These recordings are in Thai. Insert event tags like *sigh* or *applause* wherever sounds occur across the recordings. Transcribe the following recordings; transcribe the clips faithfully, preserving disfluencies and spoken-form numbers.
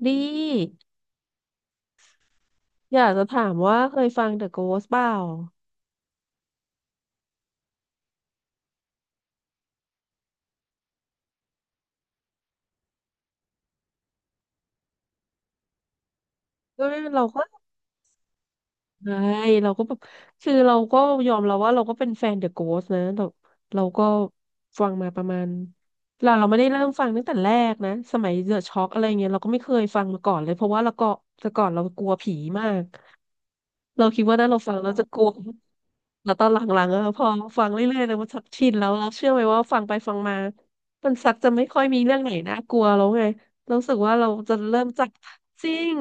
ดีอยากจะถามว่าเคยฟัง The Ghost เปล่าเอเราก็ใช่เราก็แบบคือเราก็ยอมเราว่าเราก็เป็นแฟน The Ghost นะเราเราก็ฟังมาประมาณเราเราไม่ได้เริ่มฟังตั้งแต่แรกนะสมัย The Shock อะไรเงี้ยเราก็ไม่เคยฟังมาก่อนเลยเพราะว่าเราก็แต่ก่อนเรากลัวผีมาก เราคิดว่าถ้าเราฟังเราจะกลัวแล้วตอนหลังๆอะพอฟังเรื่อยๆเลยมันชักชินแล้วเราเชื่อไหมว่าฟังไปฟังมามันซักจะไม่ค่อยมีเรื่องไหนน่ากลัวแล้วไงเรารู้สึกว่าเราจะเริ่มจากจริง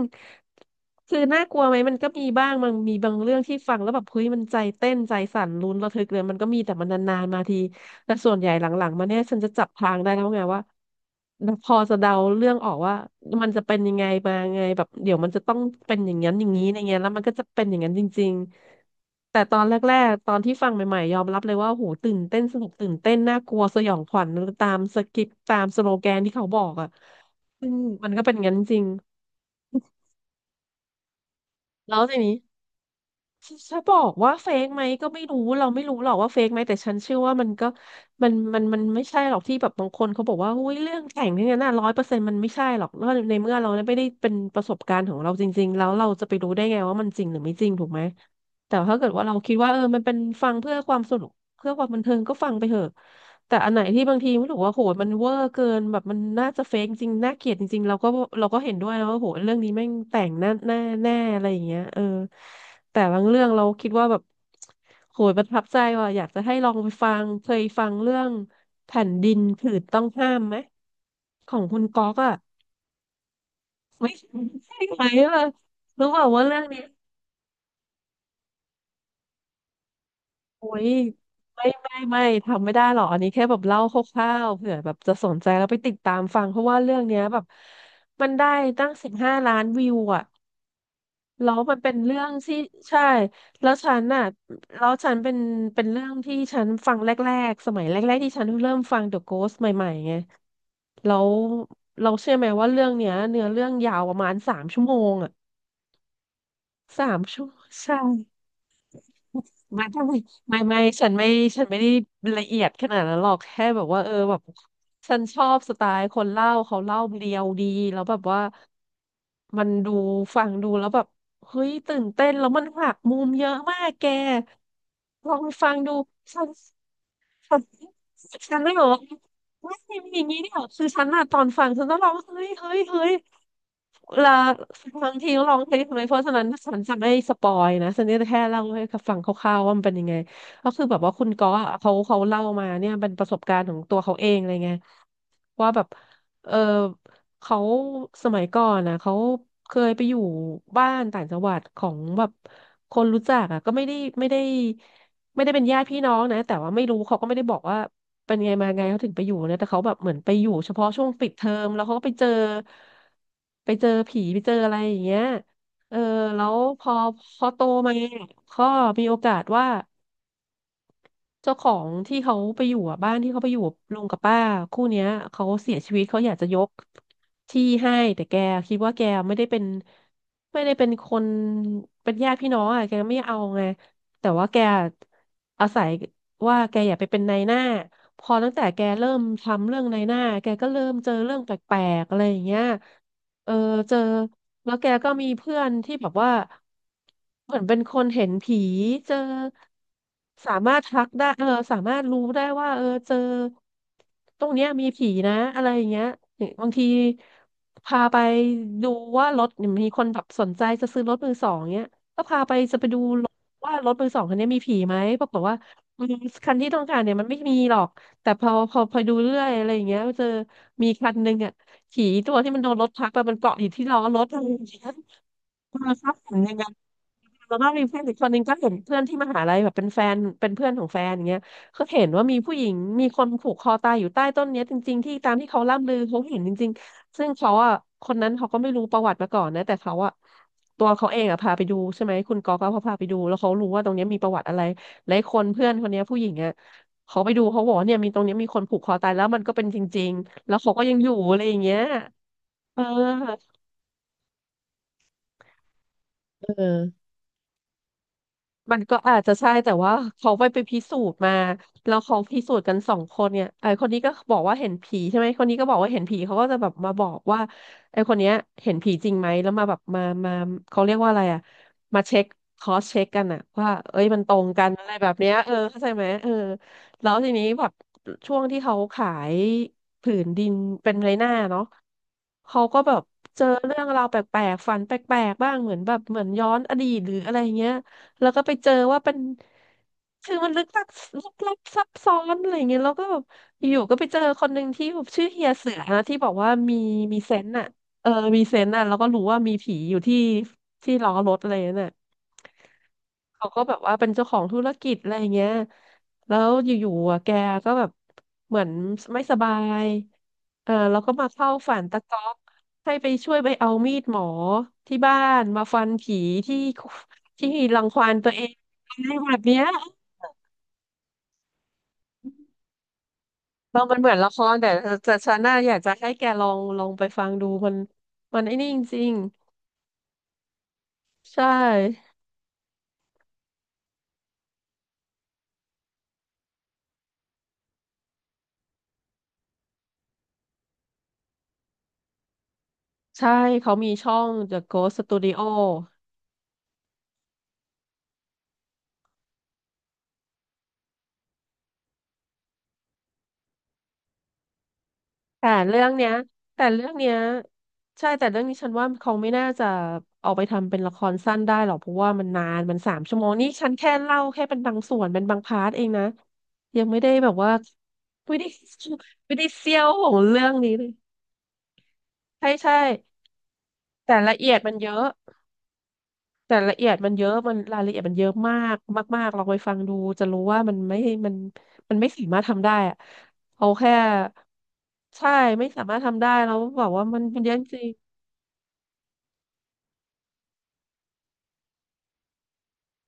คือน่ากลัวไหมมันก็มีบ้างมันมีบางเรื่องที่ฟังแล้วแบบเฮ้ยมันใจเต้นใจสั่นลุ้นระทึกเลยมันก็มีแต่มันนานๆมาที แต่ส่วนใหญ่หลังๆมาเนี่ยฉันจะจับทางได้แล้วไงว่าพอจะเดาเรื่องออกว่ามันจะเป็นยังไงมาไงแบบเดี๋ยวมันจะต้องเป็นอย่างนั้นอย่างนี้อย่างเงี้ยแล้วมันก็จะเป็นอย่างนั้นจริงๆแต่ตอนแรกๆตอนที่ฟังใหม่ๆยอมรับเลยว่าโหตื่นเต้นสนุกตื่นเต้นน่ากลัวสยองขวัญตามสคริปต์ตามสโลแกนที่เขาบอกอ่ะซึ่งมันก็เป็นอย่างนั้นจริงแล้วทีนี้ จะบอกว่าเฟกไหมก็ไม่รู้เราไม่รู้หรอกว่าเฟกไหมแต่ฉันเชื่อว่ามันก็มันมันมันไม่ใช่หรอกที่แบบบางคนเขาบอกว่าอุ้ยเรื่องแต่งเนี่ยนะร้อยเปอร์เซ็นต์มันไม่ใช่หรอกแล้วในเมื่อเราไม่ได้เป็นประสบการณ์ของเราจริงๆแล้วเราจะไปรู้ได้ไงว่ามันจริงหรือไม่จริงถูกไหมแต่ถ้าเกิดว่าเราคิดว่าเออมันเป็นฟังเพื่อความสนุกเพื่อความบันเทิงก็ฟังไปเถอะ แต่อันไหนที่บางทีรู้สึกว่าโหมันเวอร์เกินแบบมันน่าจะเฟกจริงน่าเกลียดจริงๆเราก็เราก็เห็นด้วยนะว่าโหเรื่องนี้แม่งแต่งแน่แน่แน่อะไรอย่างเงี้ยเออแต่บางเรื่องเราคิดว่าแบบโหประทับใจว่ะอยากจะให้ลองไปฟังเคยฟังเรื่องแผ่นดินผืนต้องห้ามไหมของคุณก๊อกอะไม่ใช่ไหมอะรู้เปล่าว่าเรื่องนี้ โอ้ยไม่ไม่ไม่ทำไม่ได้หรอกอันนี้แค่แบบเล่าคร่าวๆเผื่อแบบจะสนใจแล้วไปติดตามฟังเพราะว่าเรื่องเนี้ยแบบมันได้ตั้งสิบห้าล้านวิวอ่ะแล้วมันเป็นเรื่องที่ใช่แล้วฉันน่ะแล้วฉันเป็นเป็นเรื่องที่ฉันฟังแรกๆสมัยแรกๆที่ฉันเริ่มฟัง The Ghost ใหม่ๆไงแล้วเราเชื่อไหมว่าเรื่องเนี้ยเนื้อเรื่องยาวประมาณสามชั่วโมงอ่ะสามชั่วโมงใช่ ไม่ไม่ไม่ไม่ฉันไม่ฉันไม่ได้ละเอียดขนาดนั้นหรอกแค่แบบว่าเออแบบฉันชอบสไตล์คนเล่าเขาเล่าเรียวดีแล้วแบบว่ามันดูฟังดูแล้วแบบเฮ้ยตื่นเต้นแล้วมันหักมุมเยอะมากแกลองฟังดู ฉันฉันเลยบอกว่าไม่มีอย่างนี้เนี่ยคือฉันอะตอนฟังฉันก็ร้องเฮ้ยเฮ้ยเฮ้ยเวลาฟังทีก็ร้องเพลงทำไมเพราะฉะนั้นฉันจะไม่สปอยนะฉันจะแค่เล่าให้ฟังคร่าวๆว่ามันเป็นยังไงก็คือแบบว่าคุณก๊อฟอะเขาเขาเล่ามาเนี่ยเป็นประสบการณ์ของตัวเขาเองอะไรเงี้ยว่าแบบเออเขาสมัยก่อนนะเขาเคยไปอยู่บ้านต่างจังหวัดของแบบคนรู้จักอ่ะก็ไม่ได้ไม่ได้ ไม่ได้เป็นญาติพี่น้องนะแต่ว่าไม่รู้เขาก็ไม่ได้บอกว่าเป็นไงมาไงเขาถึงไปอยู่นะแต่เขาแบบเหมือนไปอยู่เฉพาะช่วงปิดเทอมแล้วเขาก็ไปเจอไปเจอผีไปเจออะไรอย่างเงี้ยเออแล้วพอพอโตมาก็มีโอกาสว่า เจ้าของที่เขาไปอยู่อ่ะบ้านที่เขาไปอยู่ลุงกับป้าคู่เนี้ยเขาเสียชีวิตเขาอยากจะยกที่ให้แต่แกคิดว่าแกไม่ได้เป็นไม่ได้เป็นคนเป็นญาติพี่น้องอ่ะแกไม่เอาไงแต่ว่าแกอาศัยว่าแกอยากไปเป็นนายหน้าพอตั้งแต่แกเริ่มทำเรื่องนายหน้าแกก็เริ่มเจอเรื่องแปลกๆอะไรอย่างเงี้ย เออเจอแล้วแกก็มีเพื่อนที่แบบว่าเหมือนเป็นคนเห็นผีเจอสามารถทักได้เออสามารถรู้ได้ว่าเออเจอตรงเนี้ยมีผีนะอะไรอย่างเงี้ยบางทีพาไปดูว่ารถเนี่ยมีคนแบบสนใจจะซื้อรถมือสองเนี้ยก็พาไปจะไปดูรถว่ารถมือสองคันนี้มีผีไหมปรากฏว่าอืมคันที่ต้องการเนี่ยมันไม่มีหรอกแต่พอพอพอดูเรื่อยอะไรอย่างเงี้ยเจอมีคันหนึ่งอ่ะ ผีตัวที่มันโดนรถทับอะมันเกาะอยู่ที่ล้อรถอะไรอย่างเงี้ยเออครับเห็นอย่างนั้นแล้วก็มีเพื่อนอีกคนนึงก็เห็นเพื่อนที่มหาลัยแบบเป็นแฟนเป็นเพื่อนของแฟนอย่างเงี้ยก็เห็นว่ามีผู้หญิงมีคนผูกคอตายอยู่ใต้ต้นเนี้ยจริงๆที่ตามที่เขาล่ำลือเขาเห็นจริงๆซึ่งเขาอ่ะคนนั้นเขาก็ไม่รู้ประวัติมาก่อนนะแต่เขาอ่ะตัวเขาเองอ่ะพาไปดูใช่ไหมคุณกอก็พาพาไปดูแล้วเขารู้ว่าตรงเนี้ยมีประวัติอะไรหลายคนเพื่อนคนเนี้ยผู้หญิงอ่ะเขาไปดูเขาบอกว่าเนี่ยมีตรงเนี้ยมีคนผูกคอตายแล้วมันก็เป็นจริงๆแล้วเขาก็ยังอยู่อะไรอย่างเงี้ย เออเออ มันก็อาจจะใช่แต่ว่าเขาไปไปพิสูจน์มาแล้วเขาพิสูจน์กันสองคนเนี่ยไอคนนี้ก็บอกว่าเห็นผีใช่ไหมคนนี้ก็บอกว่าเห็นผีเขาก็จะแบบมาบอกว่าไอคนเนี้ยเห็นผีจริงไหมแล้วมาแบบมามาเขาเรียกว่าอะไรอ่ะมาเช็คคอสเช็คกันอ่ะว่าเอ้ยมันตรงกันอะไรแบบเนี้ยเออเข้าใจไหมเออแล้วทีนี้แบบช่วงที่เขาขายผืนดินเป็นไรหน้าเนาะเขาก็แบบเจอเรื่องราวแปลกๆฝันแปลกๆบ้างเหมือนแบบเหมือนย้อนอดีตหรืออะไรเงี้ย แล้วก็ไปเจอว่าเป็นคือมันลึกลับลึกลับซับซ้อนอะไรอย่างเงี้ยแล้วก็แบบอยู่ๆก็ไปเจอคนหนึ่งที่แบบชื่อเฮียเสือนะที่บอกว่ามีมีเซนต์อ่ะเออมีเซนต์อ่ะแล้วก็รู้ว่ามีผีอยู่ที่ที่ล้อรถอะไรนั่นน่ะเขาก็แบบว่าเป็นเจ้าของธุรกิจอะไรอย่างเงี้ยแล้วอยู่ๆอ่ะแกก็แบบเหมือนไม่สบายเออแล้วก็มาเข้าฝันตะก๊อกให้ไปช่วยไปเอามีดหมอที่บ้านมาฟันผีที่ ที่รังควานตัวเองอะไรแบบเนี้ยเรามันเหมือนละครแต่แต่ฉันน่าอยากจะให้แกลองลองไปฟังดูมันมันไอ้นี่จริงๆใช่ใช่เขามีช่อง เดอะโกสต์สตูดิโอ แต่เรื่องเนี้ยแต่เรื่องเนี้ยใช่แต่เรื่องนี้ฉันว่าเขาไม่น่าจะเอาไปทำเป็นละครสั้นได้หรอกเพราะว่ามันนานมันสามชั่วโมงนี่ฉันแค่เล่าแค่เป็นบางส่วนเป็นบางพาร์ทเองนะยังไม่ได้แบบว่าไม่ได้ *laughs* ไม่ได้เซียวของเรื่องนี้เลยใช่ใช่ แต่ละเอียดมันเยอะแต่ละเอียดมันเยอะมันรายละเอียดมันเยอะมากมากๆลองไปฟังดูจะรู้ว่ามันไม่มันมันไม่สามารถทำได้อะเอาแค่ใช่ไม่สามารถทำได้แล้วบอกว่ามันมันเยอะจริง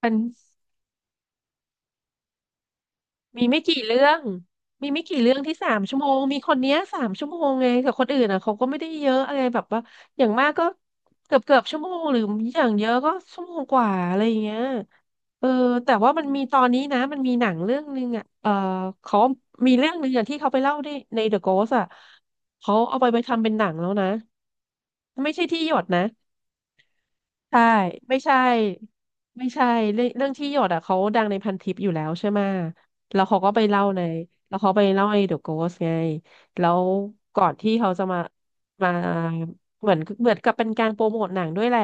ๆเน มีไม่กี่เรื่อง มีไม่กี่เรื่องที่สามชั่วโมงมีคนเนี้ยสามชั่วโมงไงแต่คนอื่นอ่ะเขาก็ไม่ได้เยอะอะไรแบบว่าอย่างมากก็เกือบเกือบชั่วโมงหรืออย่างเยอะก็ชั่วโมงกว่าอะไรอย่างเงี้ยเออแต่ว่ามันมีตอนนี้นะมันมีหนังเรื่องนึงอ่ะเออเขามีเรื่องนึงอย่างที่เขาไปเล่าในใน The Ghost อ่ะเขาเอาไปไปทำเป็นหนังแล้วนะไม่ใช่ที่หยดนะ ใช่ ไม่ใช่ ไม่ใช่ เรื่องเรื่องที่หยดอ่ะเขาดังในพันทิปอยู่แล้วใช่ไหมแล้วเขาก็ไปเล่าในแล้วเขาไปเล่าในเดอะโกสไงแล้วก่อนที่เขาจะมามาเหมือนเหมือนกับเป็นการโปรโมทหนังด้วยแหละ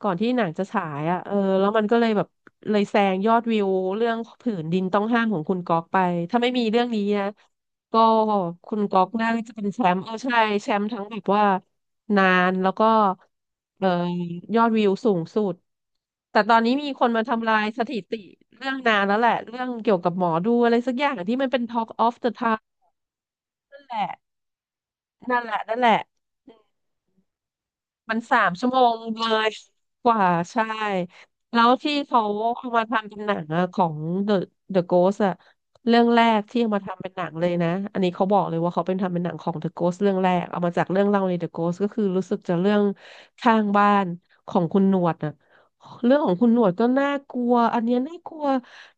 ก่อนที่หนังจะฉายอ่ะเออแล้วมันก็เลยแบบเลยแซงยอดวิวเรื่องผืนดินต้องห้ามของคุณก๊อกไป ถ้าไม่มีเรื่องนี้นะก็คุณก๊อกน่าจะเป็นแชมป์เออใช่ แชมป์ทั้งแบบว่านานแล้วก็เออยอดวิวสูงสุด แต่ตอนนี้มีคนมาทำลายสถิติเรื่องนานแล้วแหละเรื่องเกี่ยวกับหมอดูอะไรสักอย่างที่มันเป็น Talk of the Town นั่นแหละนั่นแหละนั่นแหละ มันสามชั่วโมงเลยกว่าใช่แล้วที่เขาเอามาทำเป็นหนังอะของ The The Ghost อะเรื่องแรกที่เอามาทำเป็นหนังเลยนะอันนี้เขาบอกเลยว่าเขาเป็นทำเป็นหนังของ The Ghost เรื่องแรกเอามาจากเรื่องเล่าใน The Ghost ก็คือรู้สึกจะเรื่องข้างบ้านของคุณหนวดอะเรื่องของคุณหนวดก็น่ากลัวอันเนี้ยน่ากลัว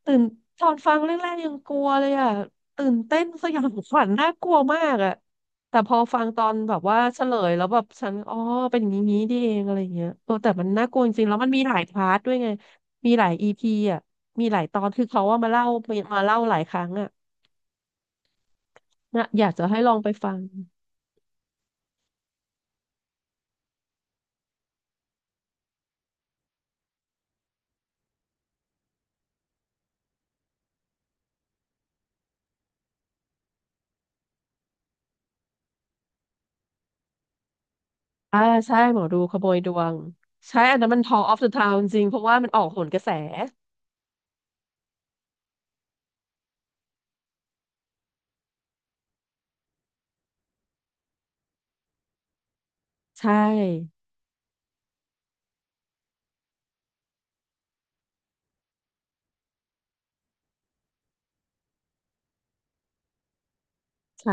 ตื่นตอนฟังแรกๆยังกลัวเลยอะตื่นเต้นสยองขวัญน่ากลัวมากอะ แต่พอฟังตอนแบบว่าเฉลยแล้วแบบฉันอ๋อเป็นอย่างนี้นี่เองอะไรอย่างเงี้ยเออแต่มันน่ากลัวจริงๆแล้วมันมีหลายพาร์ทด้วยไงมีหลายอีพีอ่ะมีหลายตอนคือเขาว่ามาเล่ามาเล่าหลายครั้งอ่ะนะอยากจะให้ลองไปฟังอ่าใช่หมอดูขโมยดวงใช่อันนั้นมัน Talk of the Town จริงๆเพราะว่ามันออกโหนกระแสใช่ใช่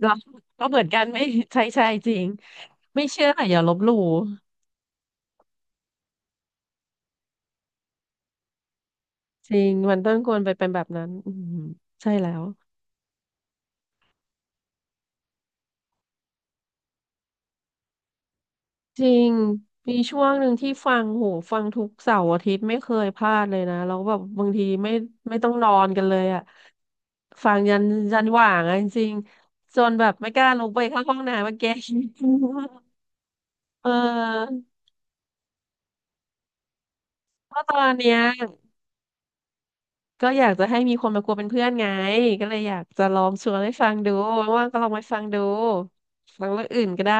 เรา *laughs* ก็เหมือนกันไม่ใช่ใช่จริงไม่เชื่ออย่าลบหลู่จริงมันต้องควรไปเป็นแบบนั้นอืมใช่แล้ว จริง มีช่วงหนึ่งที่ฟังโหฟังทุกเสาร์อาทิตย์ไม่เคยพลาดเลยนะแล้วแบบบางทีไม่ไม่ต้องนอนกันเลยอะฟังยันยันหว่างอะจริงๆจนแบบไม่กล้าลงไปเข้าห้องน้ำมาแก *laughs* เออเพราะตอนเนี้ยก็อยากจะให้มีคนมากลัวเป็นเพื่อนไง ก็เลยอยากจะลองชวนให้ฟังดูว่างๆก็ลองไปฟังดูฟังเรื่องอื่นก็ได้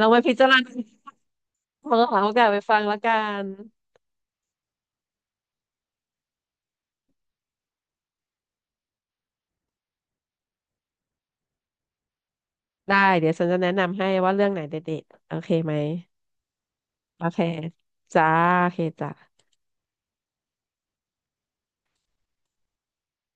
ลองไปพิจารณา *laughs* ลองหาโอกาสไปฟังละกัน ได้เดี๋ยวฉันจะแนะนำให้ว่าเรื่องไหนเด็ดๆโอเคไหมโอเคจ้าโอเคจ้า